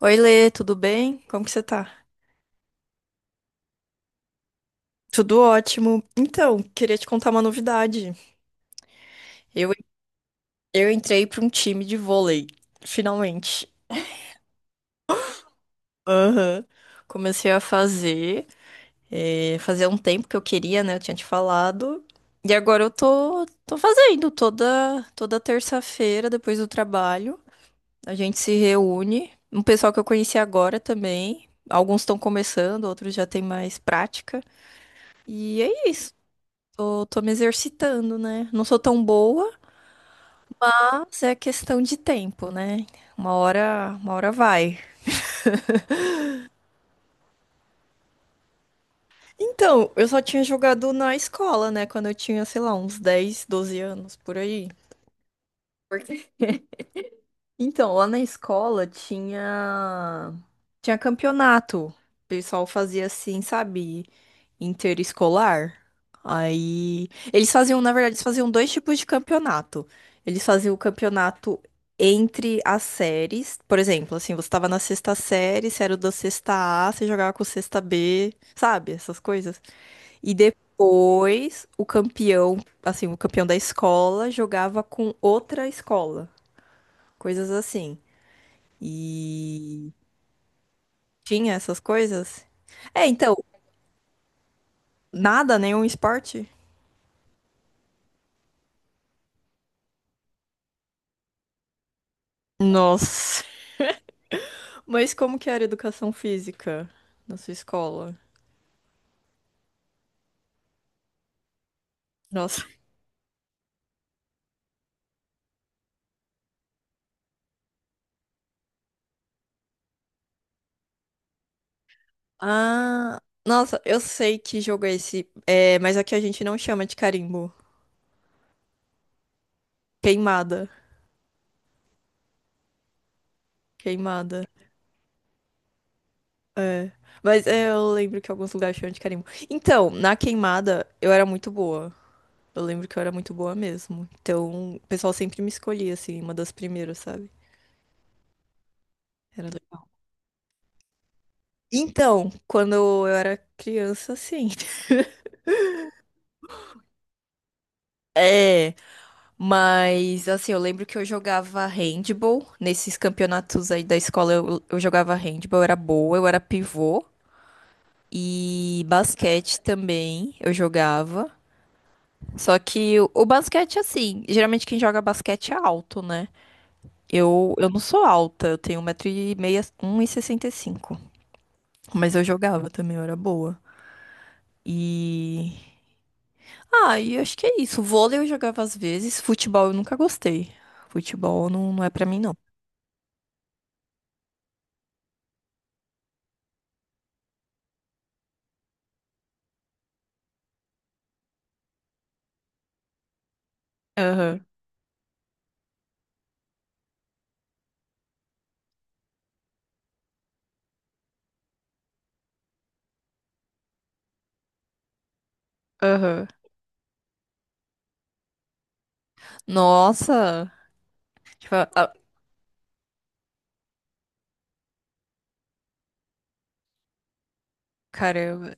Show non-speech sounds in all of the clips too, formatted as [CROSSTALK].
Oi, Lê, tudo bem? Como que você tá? Tudo ótimo. Então, queria te contar uma novidade. Eu, eu entrei para um time de vôlei, finalmente. Aham. Comecei a fazer, fazia um tempo que eu queria, né? Eu tinha te falado. E agora eu tô fazendo toda terça-feira, depois do trabalho. A gente se reúne. Um pessoal que eu conheci agora também. Alguns estão começando, outros já têm mais prática. E é isso. Tô me exercitando, né? Não sou tão boa, mas é questão de tempo, né? Uma hora vai. Então, eu só tinha jogado na escola, né? Quando eu tinha, sei lá, uns 10, 12 anos, por aí. Por quê? Então, lá na escola tinha campeonato. O pessoal fazia assim, sabe, interescolar. Aí eles faziam, na verdade, eles faziam dois tipos de campeonato. Eles faziam o campeonato entre as séries. Por exemplo, assim, você tava na sexta série, você era da sexta A, você jogava com o sexta B, sabe? Essas coisas. E depois o campeão, assim, o campeão da escola jogava com outra escola. Coisas assim. E tinha essas coisas? É, então, nada, nenhum esporte? Nossa. Mas como que era a educação física na sua escola? Nossa. Ah, nossa, eu sei que jogo é esse, é, mas aqui a gente não chama de carimbo. Queimada. Queimada. É. Mas é, eu lembro que alguns lugares chamam de carimbo. Então, na queimada, eu era muito boa. Eu lembro que eu era muito boa mesmo. Então, o pessoal sempre me escolhia, assim, uma das primeiras, sabe? Era legal. Então, quando eu era criança, sim. [LAUGHS] É, mas assim, eu lembro que eu jogava handball nesses campeonatos aí da escola. Eu jogava handball, eu era boa, eu era pivô. E basquete também eu jogava. Só que o basquete, assim, geralmente quem joga basquete é alto, né? Eu não sou alta, eu tenho 1,65 m. Mas eu jogava também, eu era boa. E ah, e acho que é isso. Vôlei eu jogava às vezes, futebol eu nunca gostei. Futebol não, não é pra mim, não. Aham, aham. Nossa! Tipo, caramba,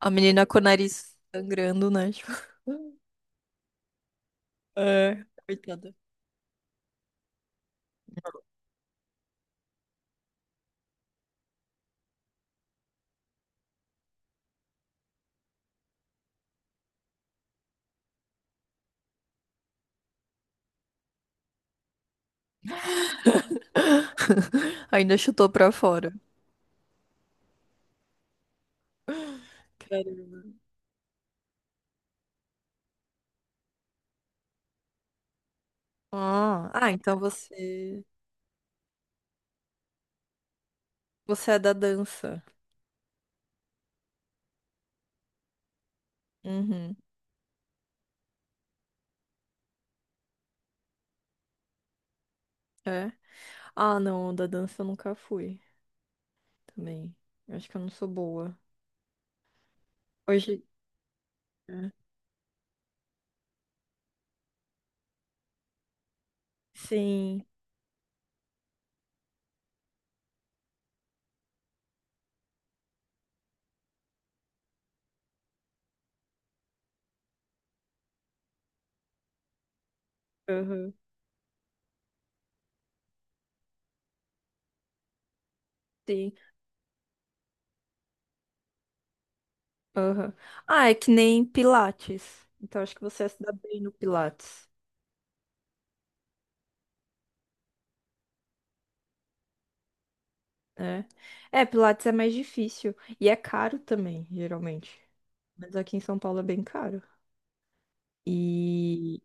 a menina com o nariz sangrando, né? Tipo, [LAUGHS] é, coitada. [LAUGHS] Ainda chutou pra fora. Caramba. Ah, ah, então você é da dança. Uhum, é. Ah, não, da dança eu nunca fui também. Eu acho que eu não sou boa. Hoje, é. Sim, aham. Sim. Aham. Ah, é que nem Pilates. Então acho que você ia se dar bem no Pilates, né? É, Pilates é mais difícil e é caro também, geralmente. Mas aqui em São Paulo é bem caro. E,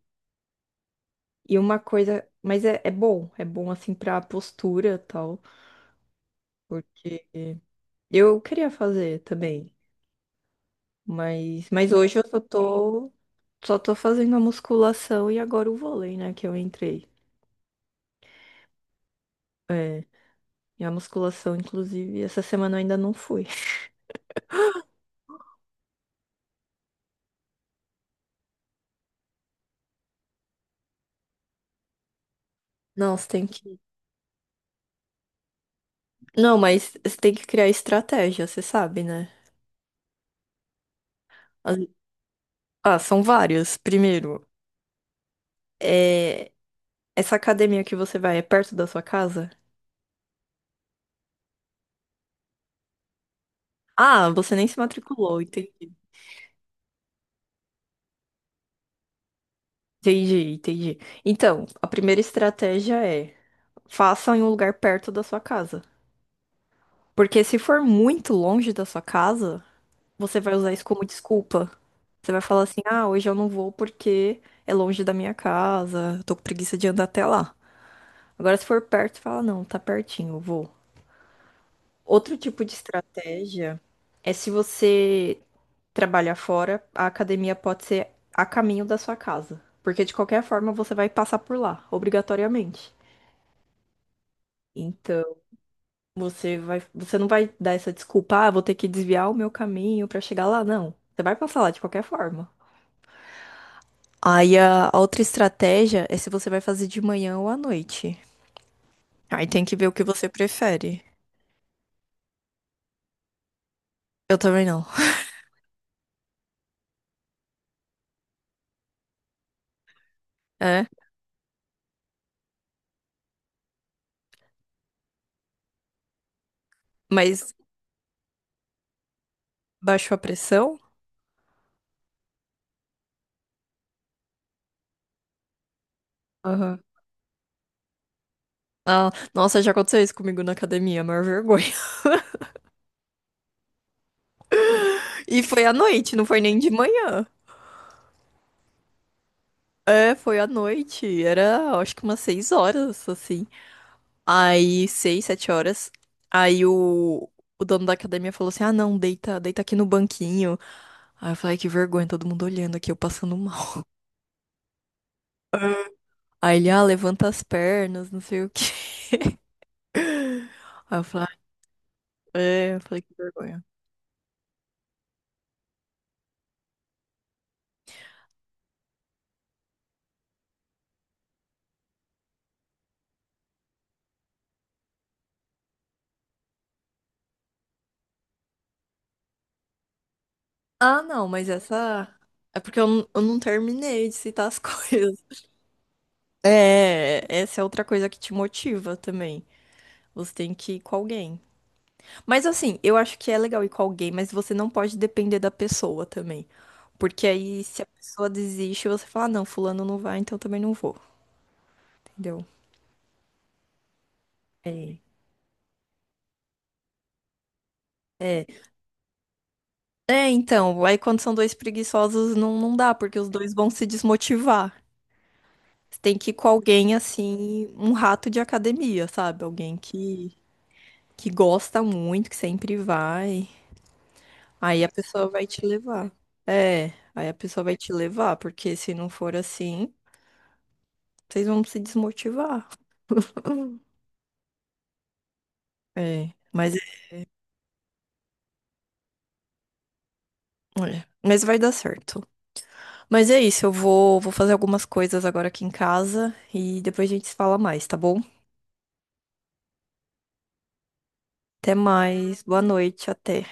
e uma coisa, mas é, é bom assim pra postura e tal, porque eu queria fazer também, mas hoje eu só tô fazendo a musculação e agora o vôlei, né, que eu entrei. É, e a musculação, inclusive, essa semana eu ainda não fui. Não, você tem que. Não, mas você tem que criar estratégia, você sabe, né? As- Ah, são várias. Primeiro, é, essa academia que você vai é perto da sua casa? Ah, você nem se matriculou, entendi. Entendi, entendi. Então, a primeira estratégia é faça em um lugar perto da sua casa. Porque se for muito longe da sua casa, você vai usar isso como desculpa. Você vai falar assim, ah, hoje eu não vou porque é longe da minha casa, eu tô com preguiça de andar até lá. Agora, se for perto, fala, não, tá pertinho, eu vou. Outro tipo de estratégia é se você trabalhar fora, a academia pode ser a caminho da sua casa. Porque de qualquer forma você vai passar por lá, obrigatoriamente. Então, você vai, você não vai dar essa desculpa, ah, vou ter que desviar o meu caminho pra chegar lá, não. Você vai passar lá de qualquer forma. Aí a outra estratégia é se você vai fazer de manhã ou à noite. Aí tem que ver o que você prefere. Eu também não. É, mas baixou a pressão? Aham. Ah, nossa, já aconteceu isso comigo na academia, a maior vergonha. [LAUGHS] E foi à noite, não foi nem de manhã. É, foi à noite. Era, acho que umas 6 horas, assim. Aí, 6, 7 horas. Aí o dono da academia falou assim: "Ah, não, deita, deita aqui no banquinho." Aí eu falei, "Ai, que vergonha, todo mundo olhando aqui, eu passando mal." Aí ele, ah, levanta as pernas, não sei o quê. [LAUGHS] Aí eu falei, "Ah, é, eu falei, que vergonha." Ah, não, mas essa. É porque eu, eu não terminei de citar as [LAUGHS] coisas. É, essa é outra coisa que te motiva também. Você tem que ir com alguém. Mas assim, eu acho que é legal ir com alguém, mas você não pode depender da pessoa também. Porque aí, se a pessoa desiste, você fala, ah, não, fulano não vai, então também não vou. Entendeu? É. É, é, então, aí quando são dois preguiçosos não, não dá, porque os dois vão se desmotivar. Você tem que ir com alguém assim, um rato de academia, sabe? Alguém que gosta muito, que sempre vai, aí a pessoa vai te levar. É, aí a pessoa vai te levar, porque se não for assim, vocês vão se desmotivar. [LAUGHS] É, mas, mas vai dar certo. Mas é isso, eu vou fazer algumas coisas agora aqui em casa e depois a gente se fala mais, tá bom? Até mais, boa noite, até.